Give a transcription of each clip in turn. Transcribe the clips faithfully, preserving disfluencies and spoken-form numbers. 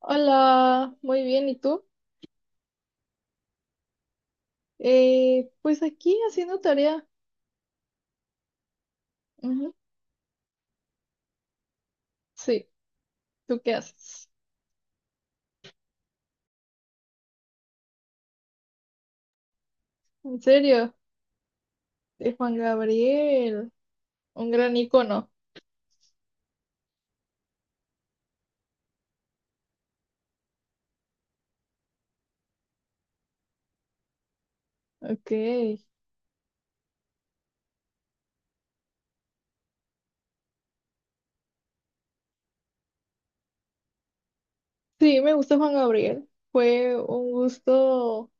Hola, muy bien, ¿y tú? Eh, pues aquí haciendo tarea. Ujú. Sí, ¿tú qué haces? En serio, de Juan Gabriel, un gran icono. Ok. Sí, me gusta Juan Gabriel. Fue un gusto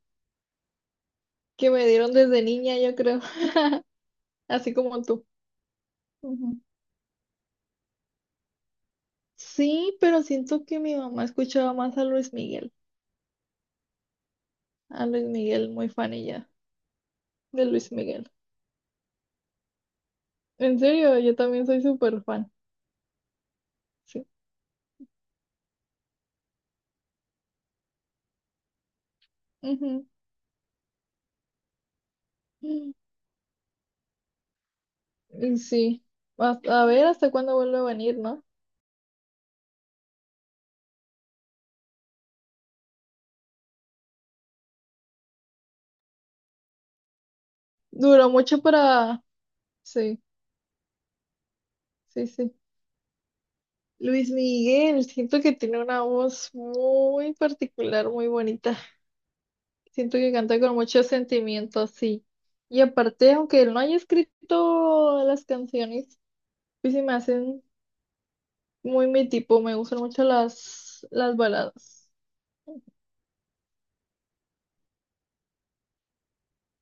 que me dieron desde niña, yo creo, así como tú. Ujú. Sí, pero siento que mi mamá escuchaba más a Luis Miguel. A Luis Miguel, muy fan ella de Luis Miguel. En serio, yo también soy súper fan. Sí. Ujú. Y sí, a, a ver hasta cuándo vuelve a venir, ¿no? Duró mucho para... Sí, sí, sí. Luis Miguel, siento que tiene una voz muy particular, muy bonita. Siento que canta con mucho sentimiento, sí. Y aparte, aunque él no haya escrito las canciones, pues se me hacen muy mi tipo, me gustan mucho las, las baladas.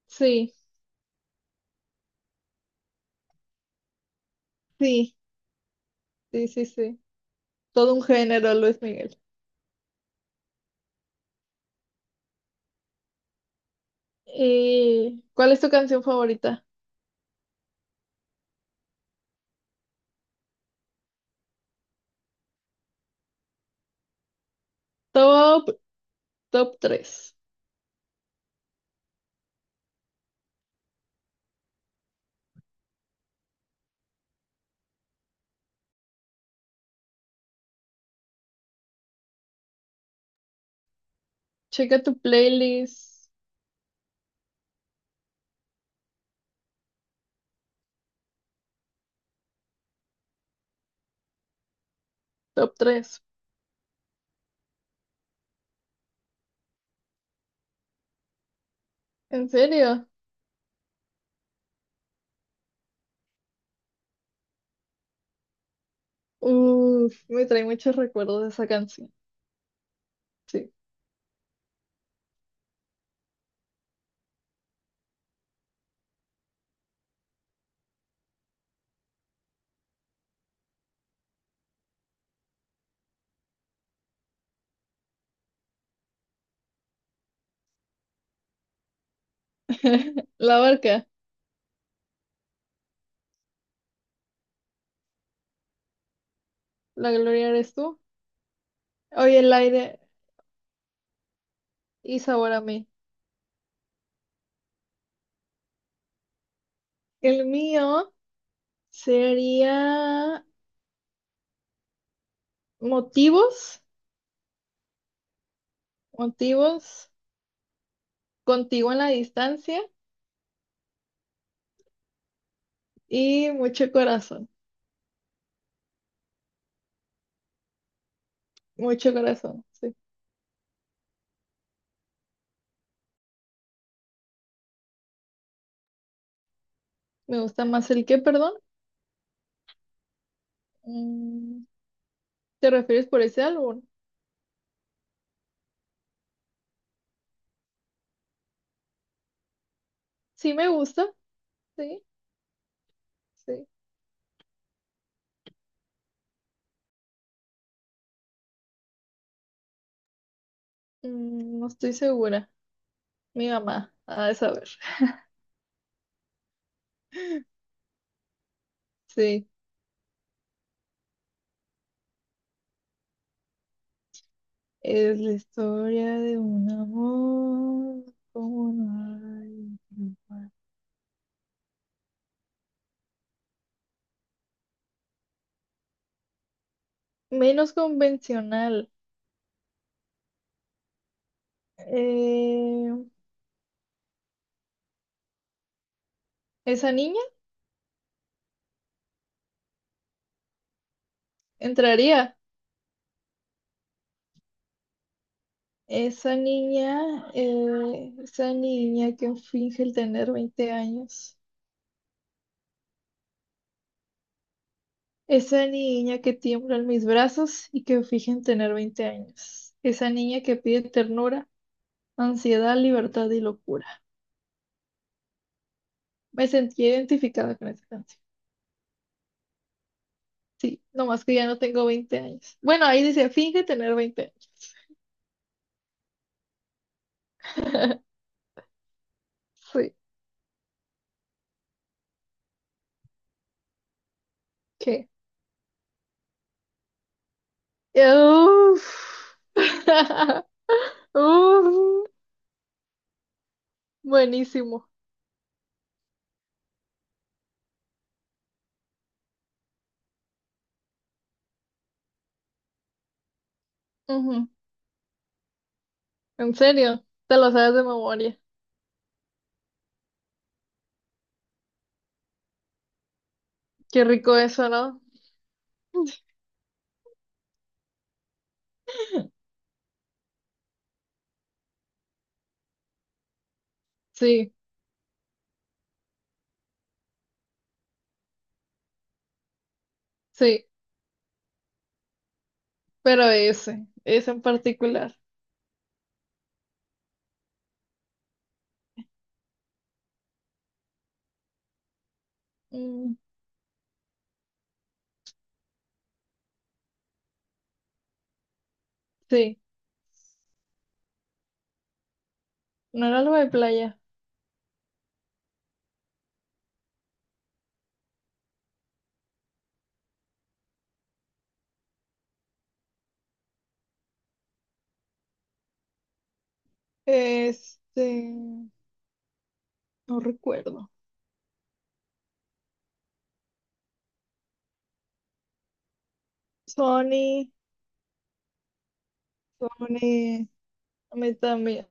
Sí, sí, sí, sí, sí. Todo un género, Luis Miguel. Eh, ¿cuál es tu canción favorita? Top Top tres. Checa tu playlist. Top tres. ¿En serio? Uf, me trae muchos recuerdos de esa canción. Sí. La barca. La gloria eres tú. Hoy el aire y sabor a mí. El mío sería motivos. Motivos. Contigo en la distancia. Y mucho corazón. Mucho corazón. Sí. Me gusta más el que, perdón. Mm, ¿te refieres por ese álbum? Sí, me gusta. Sí. Sí. Mm, no estoy segura. Mi mamá ha de saber. Sí, es la historia de un amor como no hay igual. Menos convencional. Eh, Esa niña entraría. Esa niña, eh, esa niña que finge el tener veinte años. Esa niña que tiembla en mis brazos y que finge en tener veinte años. Esa niña que pide ternura, ansiedad, libertad y locura. Me sentí identificada con esa canción. Sí, nomás que ya no tengo veinte años. Bueno, ahí dice, finge tener veinte años. Sí, ¿qué? Uf. Uf. Buenísimo. Ujú. En serio, te lo sabes de memoria. Qué rico eso, ¿no? Sí, sí, pero ese, ese en particular. Mm, sí, no era algo de playa. Este, no recuerdo. Sony. Sony, a mí también.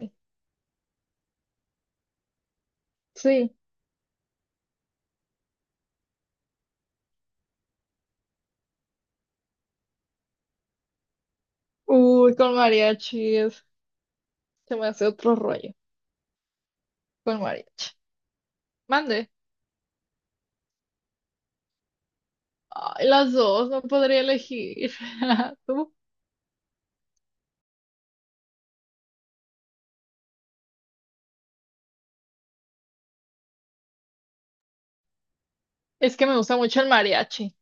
Sí. Uy, con mariachi es, se me hace otro rollo. Con mariachi. Mande. Ay, las dos, no podría elegir. ¿Tú? Es que me gusta mucho el mariachi.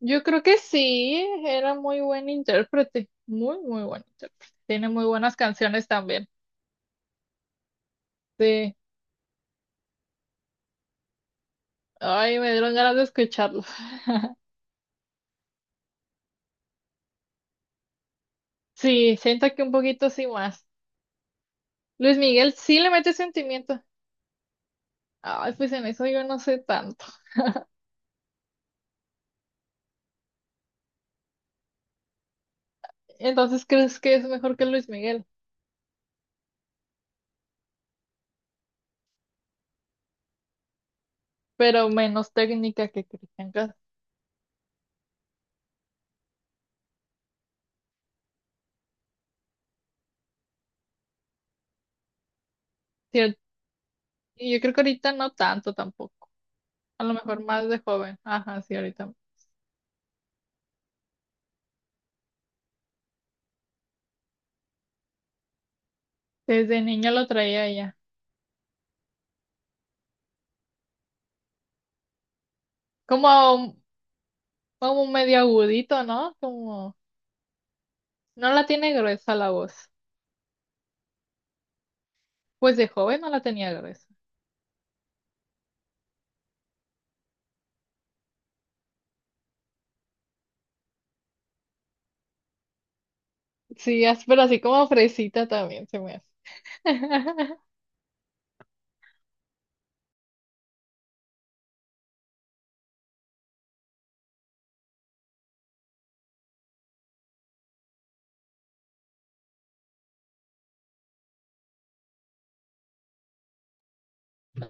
Yo creo que sí, era muy buen intérprete. Muy, muy buen intérprete. Tiene muy buenas canciones también. Sí. Ay, me dieron ganas de escucharlo. Sí, siento que un poquito sí más. Luis Miguel sí le mete sentimiento. Ay, pues en eso yo no sé tanto. Entonces, ¿crees que es mejor que Luis Miguel? Pero menos técnica que Cristian Castro. Y yo creo que ahorita no tanto tampoco. A lo mejor más de joven. Ajá, sí, ahorita. Desde niña lo traía ya. Como, como medio agudito, ¿no? Como no la tiene gruesa la voz. Pues de joven no la tenía gruesa. Sí, as- pero así como fresita también se me hace.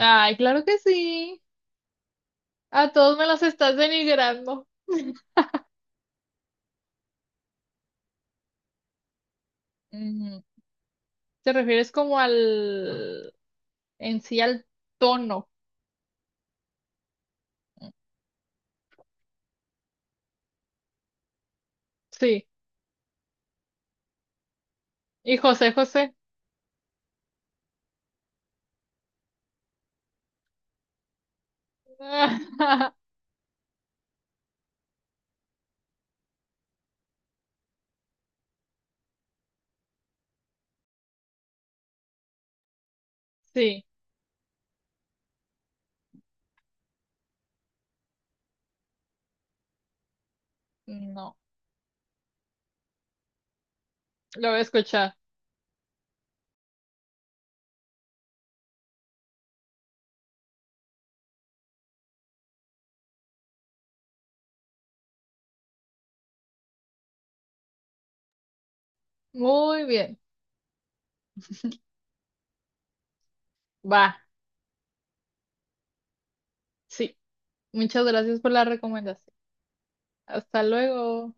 Ay, claro que sí. A todos me los estás denigrando. Ujú. ¿Te refieres como al en sí al tono? Sí. Y José José. Sí, no, lo voy a escuchar. Muy bien, va, sí. Muchas gracias por la recomendación. Hasta luego.